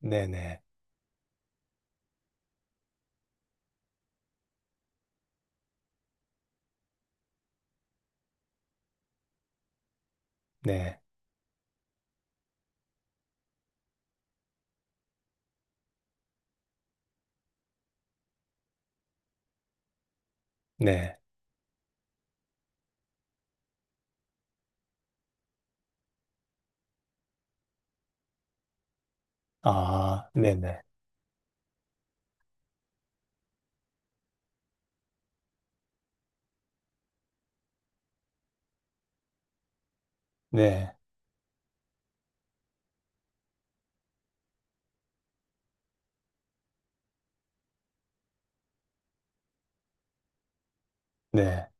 네네, 네, 네, 아, 네네, 네, 네,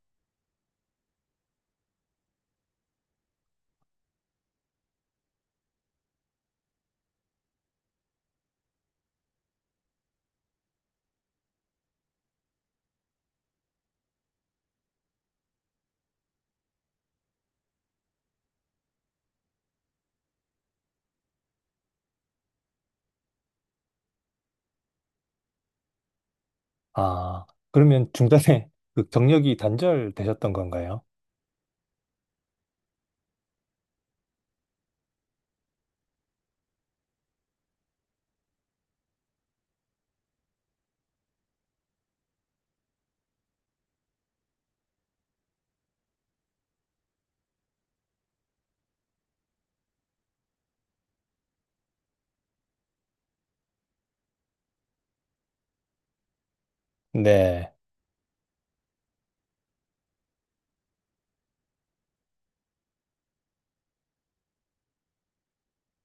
아, 그러면 중간에 그 경력이 단절되셨던 건가요? 네,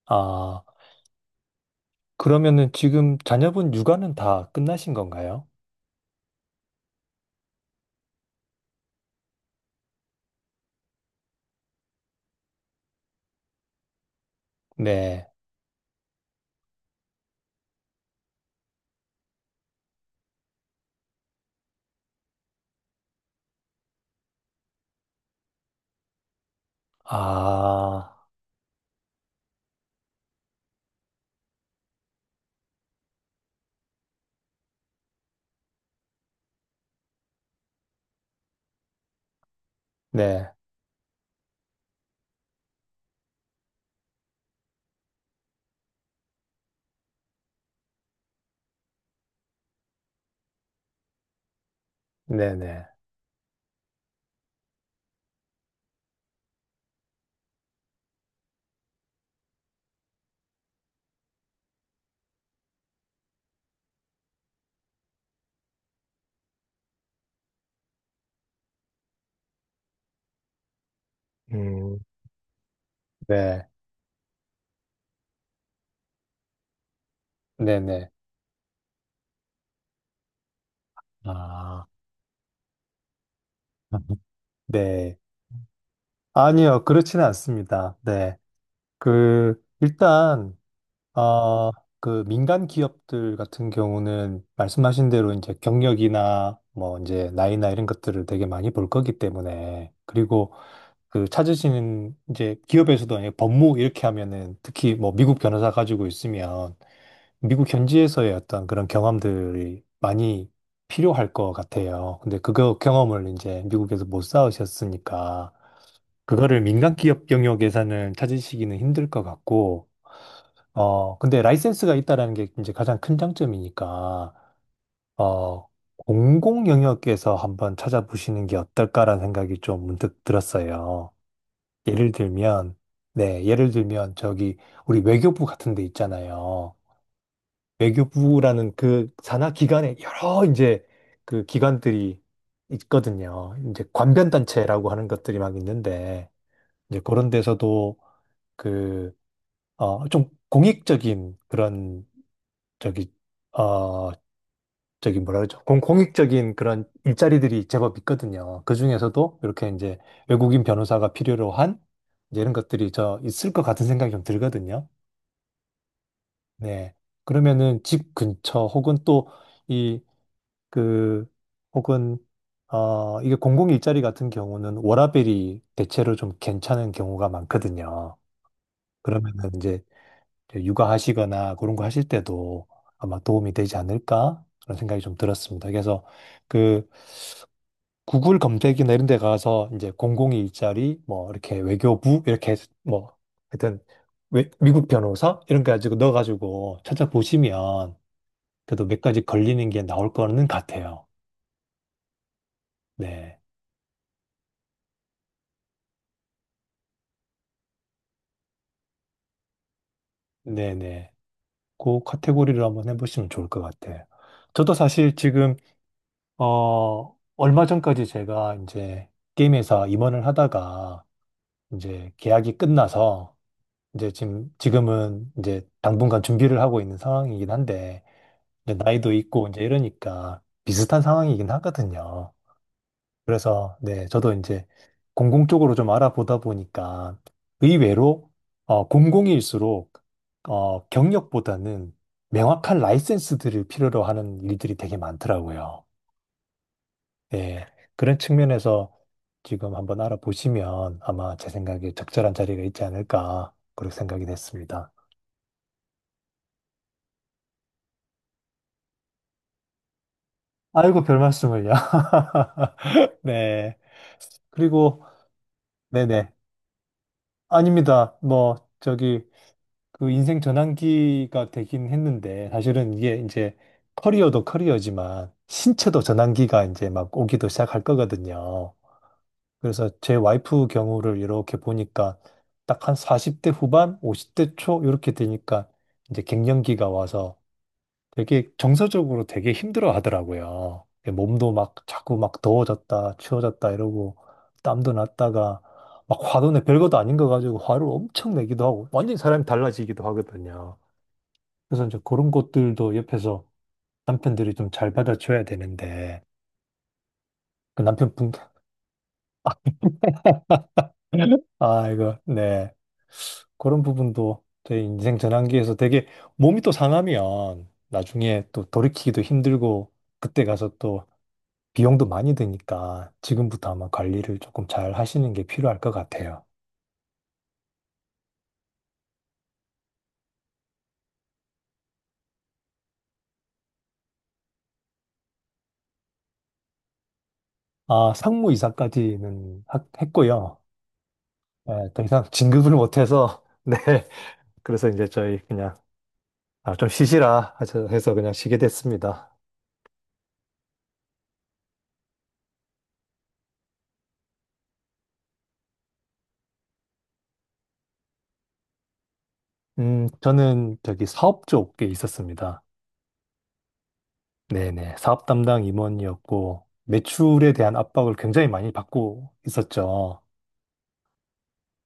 아, 그러면은 지금 자녀분 육아는 다 끝나신 건가요? 네, 아, 네, 네네, 음, 네, 네네, 아, 네, 아니요, 그렇지는 않습니다. 네, 그, 일단, 아, 그 민간 기업들 같은 경우는 말씀하신 대로 이제 경력이나 뭐 이제 나이나 이런 것들을 되게 많이 볼 거기 때문에, 그리고 그 찾으시는 이제 기업에서도 아니고 법무 이렇게 하면은 특히 뭐 미국 변호사 가지고 있으면 미국 현지에서의 어떤 그런 경험들이 많이 필요할 것 같아요. 근데 그거 경험을 이제 미국에서 못 쌓으셨으니까 그거를 민간 기업 영역에서는 찾으시기는 힘들 것 같고, 근데 라이센스가 있다라는 게 이제 가장 큰 장점이니까, 어, 공공 영역에서 한번 찾아보시는 게 어떨까라는 생각이 좀 문득 들었어요. 예를 들면, 네, 예를 들면 저기 우리 외교부 같은 데 있잖아요. 외교부라는 그 산하 기관에 여러 이제 그 기관들이 있거든요. 이제 관변단체라고 하는 것들이 막 있는데, 이제 그런 데서도 그, 좀 공익적인 그런 저기, 어, 저기 뭐라 그러죠? 공익적인 그런 일자리들이 제법 있거든요. 그 중에서도 이렇게 이제 외국인 변호사가 필요로 한 이제 이런 것들이 저 있을 것 같은 생각이 좀 들거든요. 네. 그러면은 집 근처 혹은 또 이, 그, 혹은 이게 공공 일자리 같은 경우는 워라밸이 대체로 좀 괜찮은 경우가 많거든요. 그러면은 이제 이제 육아하시거나 그런 거 하실 때도 아마 도움이 되지 않을까? 그런 생각이 좀 들었습니다. 그래서 그 구글 검색이나 이런 데 가서 이제 002 일자리 뭐 이렇게 외교부 이렇게 해서 뭐 하여튼 미국 변호사 이런 거 가지고 넣어가지고 찾아보시면 그래도 몇 가지 걸리는 게 나올 거는 같아요. 네. 네네. 그 카테고리를 한번 해보시면 좋을 것 같아요. 저도 사실 지금, 얼마 전까지 제가 이제 게임 회사 임원을 하다가 이제 계약이 끝나서 이제 지금은 이제 당분간 준비를 하고 있는 상황이긴 한데 이제 나이도 있고 이제 이러니까 비슷한 상황이긴 하거든요. 그래서 네, 저도 이제 공공 쪽으로 좀 알아보다 보니까 의외로 공공일수록 경력보다는 명확한 라이센스들을 필요로 하는 일들이 되게 많더라고요. 예, 그런 측면에서 지금 한번 알아보시면 아마 제 생각에 적절한 자리가 있지 않을까 그렇게 생각이 됐습니다. 아이고, 별 말씀을요. 네. 그리고 네네. 아닙니다. 뭐 저기 그 인생 전환기가 되긴 했는데 사실은 이게 이제 커리어도 커리어지만 신체도 전환기가 이제 막 오기도 시작할 거거든요. 그래서 제 와이프 경우를 이렇게 보니까 딱 한 40대 후반, 50대 초 이렇게 되니까 이제 갱년기가 와서 되게 정서적으로 되게 힘들어 하더라고요. 몸도 막 자꾸 막 더워졌다, 추워졌다 이러고 땀도 났다가 막 화도 내 별것도 아닌 거 가지고 화를 엄청 내기도 하고 완전히 사람이 달라지기도 하거든요. 그래서 이제 그런 것들도 옆에서 남편들이 좀 잘 받아줘야 되는데 그 남편분 아 이거 네 그런 부분도 내 인생 전환기에서 되게 몸이 또 상하면 나중에 또 돌이키기도 힘들고 그때 가서 또 비용도 많이 드니까 지금부터 아마 관리를 조금 잘 하시는 게 필요할 것 같아요. 아, 상무이사까지는 했고요. 네, 더 이상 진급을 못해서 네. 그래서 이제 저희 그냥 아, 좀 쉬시라 해서 그냥 쉬게 됐습니다. 저는 저기 사업 쪽에 있었습니다. 네네. 사업 담당 임원이었고, 매출에 대한 압박을 굉장히 많이 받고 있었죠.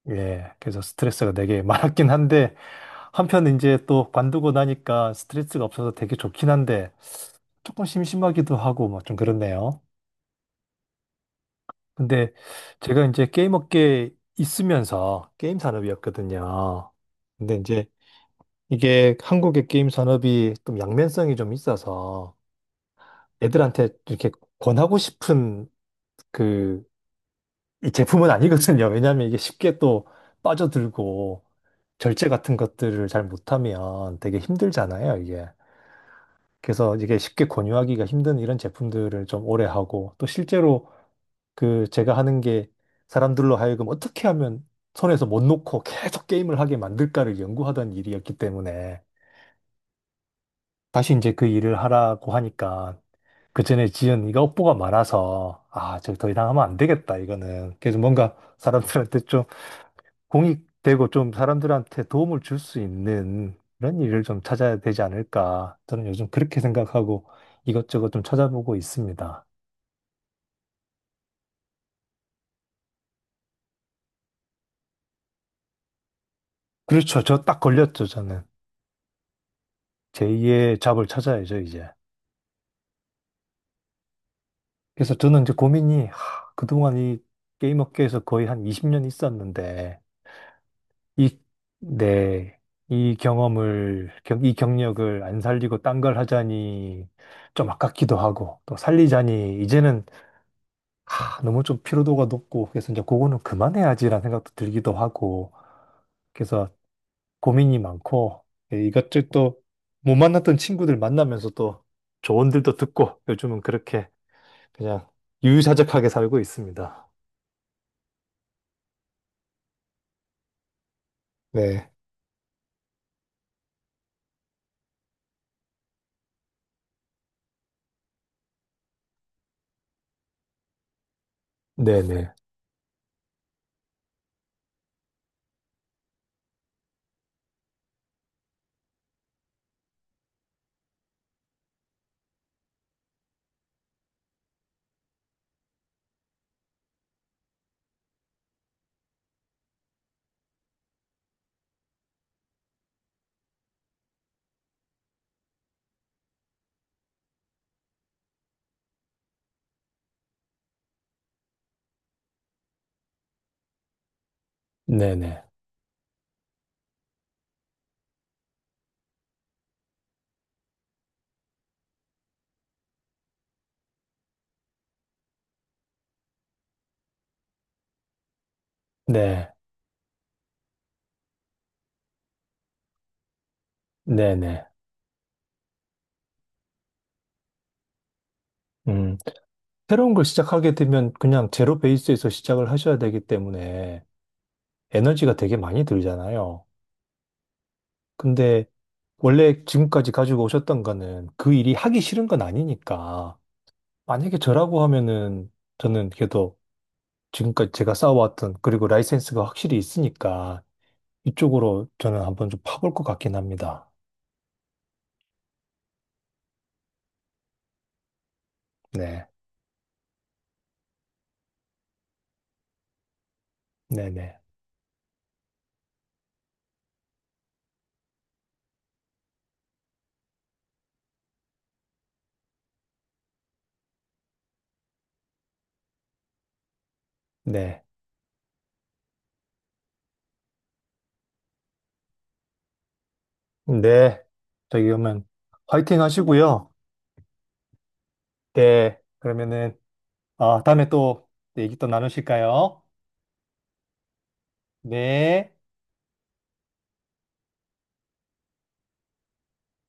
예. 그래서 스트레스가 되게 많았긴 한데, 한편 이제 또 관두고 나니까 스트레스가 없어서 되게 좋긴 한데, 조금 심심하기도 하고, 뭐 좀 그렇네요. 근데 제가 이제 게임 업계에 있으면서 게임 산업이었거든요. 근데 이제 이게 한국의 게임 산업이 좀 양면성이 좀 있어서 애들한테 이렇게 권하고 싶은 그 이 제품은 아니거든요. 왜냐하면 이게 쉽게 또 빠져들고 절제 같은 것들을 잘 못하면 되게 힘들잖아요, 이게. 그래서 이게 쉽게 권유하기가 힘든 이런 제품들을 좀 오래 하고 또 실제로 그 제가 하는 게 사람들로 하여금 어떻게 하면 손에서 못 놓고 계속 게임을 하게 만들까를 연구하던 일이었기 때문에 다시 이제 그 일을 하라고 하니까 그전에 지은 이가 업보가 많아서 아, 저 더 이상 하면 안 되겠다, 이거는. 그래서 뭔가 사람들한테 공익되고 좀 사람들한테 도움을 줄 수 있는 그런 일을 좀 찾아야 되지 않을까. 저는 요즘 그렇게 생각하고 이것저것 좀 찾아보고 있습니다. 그렇죠. 저 딱 걸렸죠, 저는. 제2의 잡을 찾아야죠, 이제. 그래서 저는 이제 고민이, 하, 그동안 이 게임 업계에서 거의 한 20년 있었는데, 이, 네, 이 경험을, 이 경력을 안 살리고 딴 걸 하자니 좀 아깝기도 하고, 또 살리자니 이제는 하, 너무 좀 피로도가 높고 그래서 이제 그거는 그만해야지라는 생각도 들기도 하고 그래서 고민이 많고 예, 이것저것 또 못 만났던 친구들 만나면서 또 조언들도 듣고 요즘은 그렇게 그냥 유유자적하게 살고 있습니다. 네. 네네. 네네. 네. 네네. 음. 새로운 걸 시작하게 되면 그냥 제로 베이스에서 시작을 하셔야 되기 때문에 에너지가 되게 많이 들잖아요. 근데 원래 지금까지 가지고 오셨던 거는 그 일이 하기 싫은 건 아니니까. 만약에 저라고 하면은 저는 그래도 지금까지 제가 쌓아왔던 그리고 라이센스가 확실히 있으니까 이쪽으로 저는 한번 좀 파볼 것 같긴 합니다. 네. 네네. 네. 네. 저기 그러면 화이팅 하시고요. 네. 그러면은 아, 다음에 또 얘기 또 나누실까요? 네.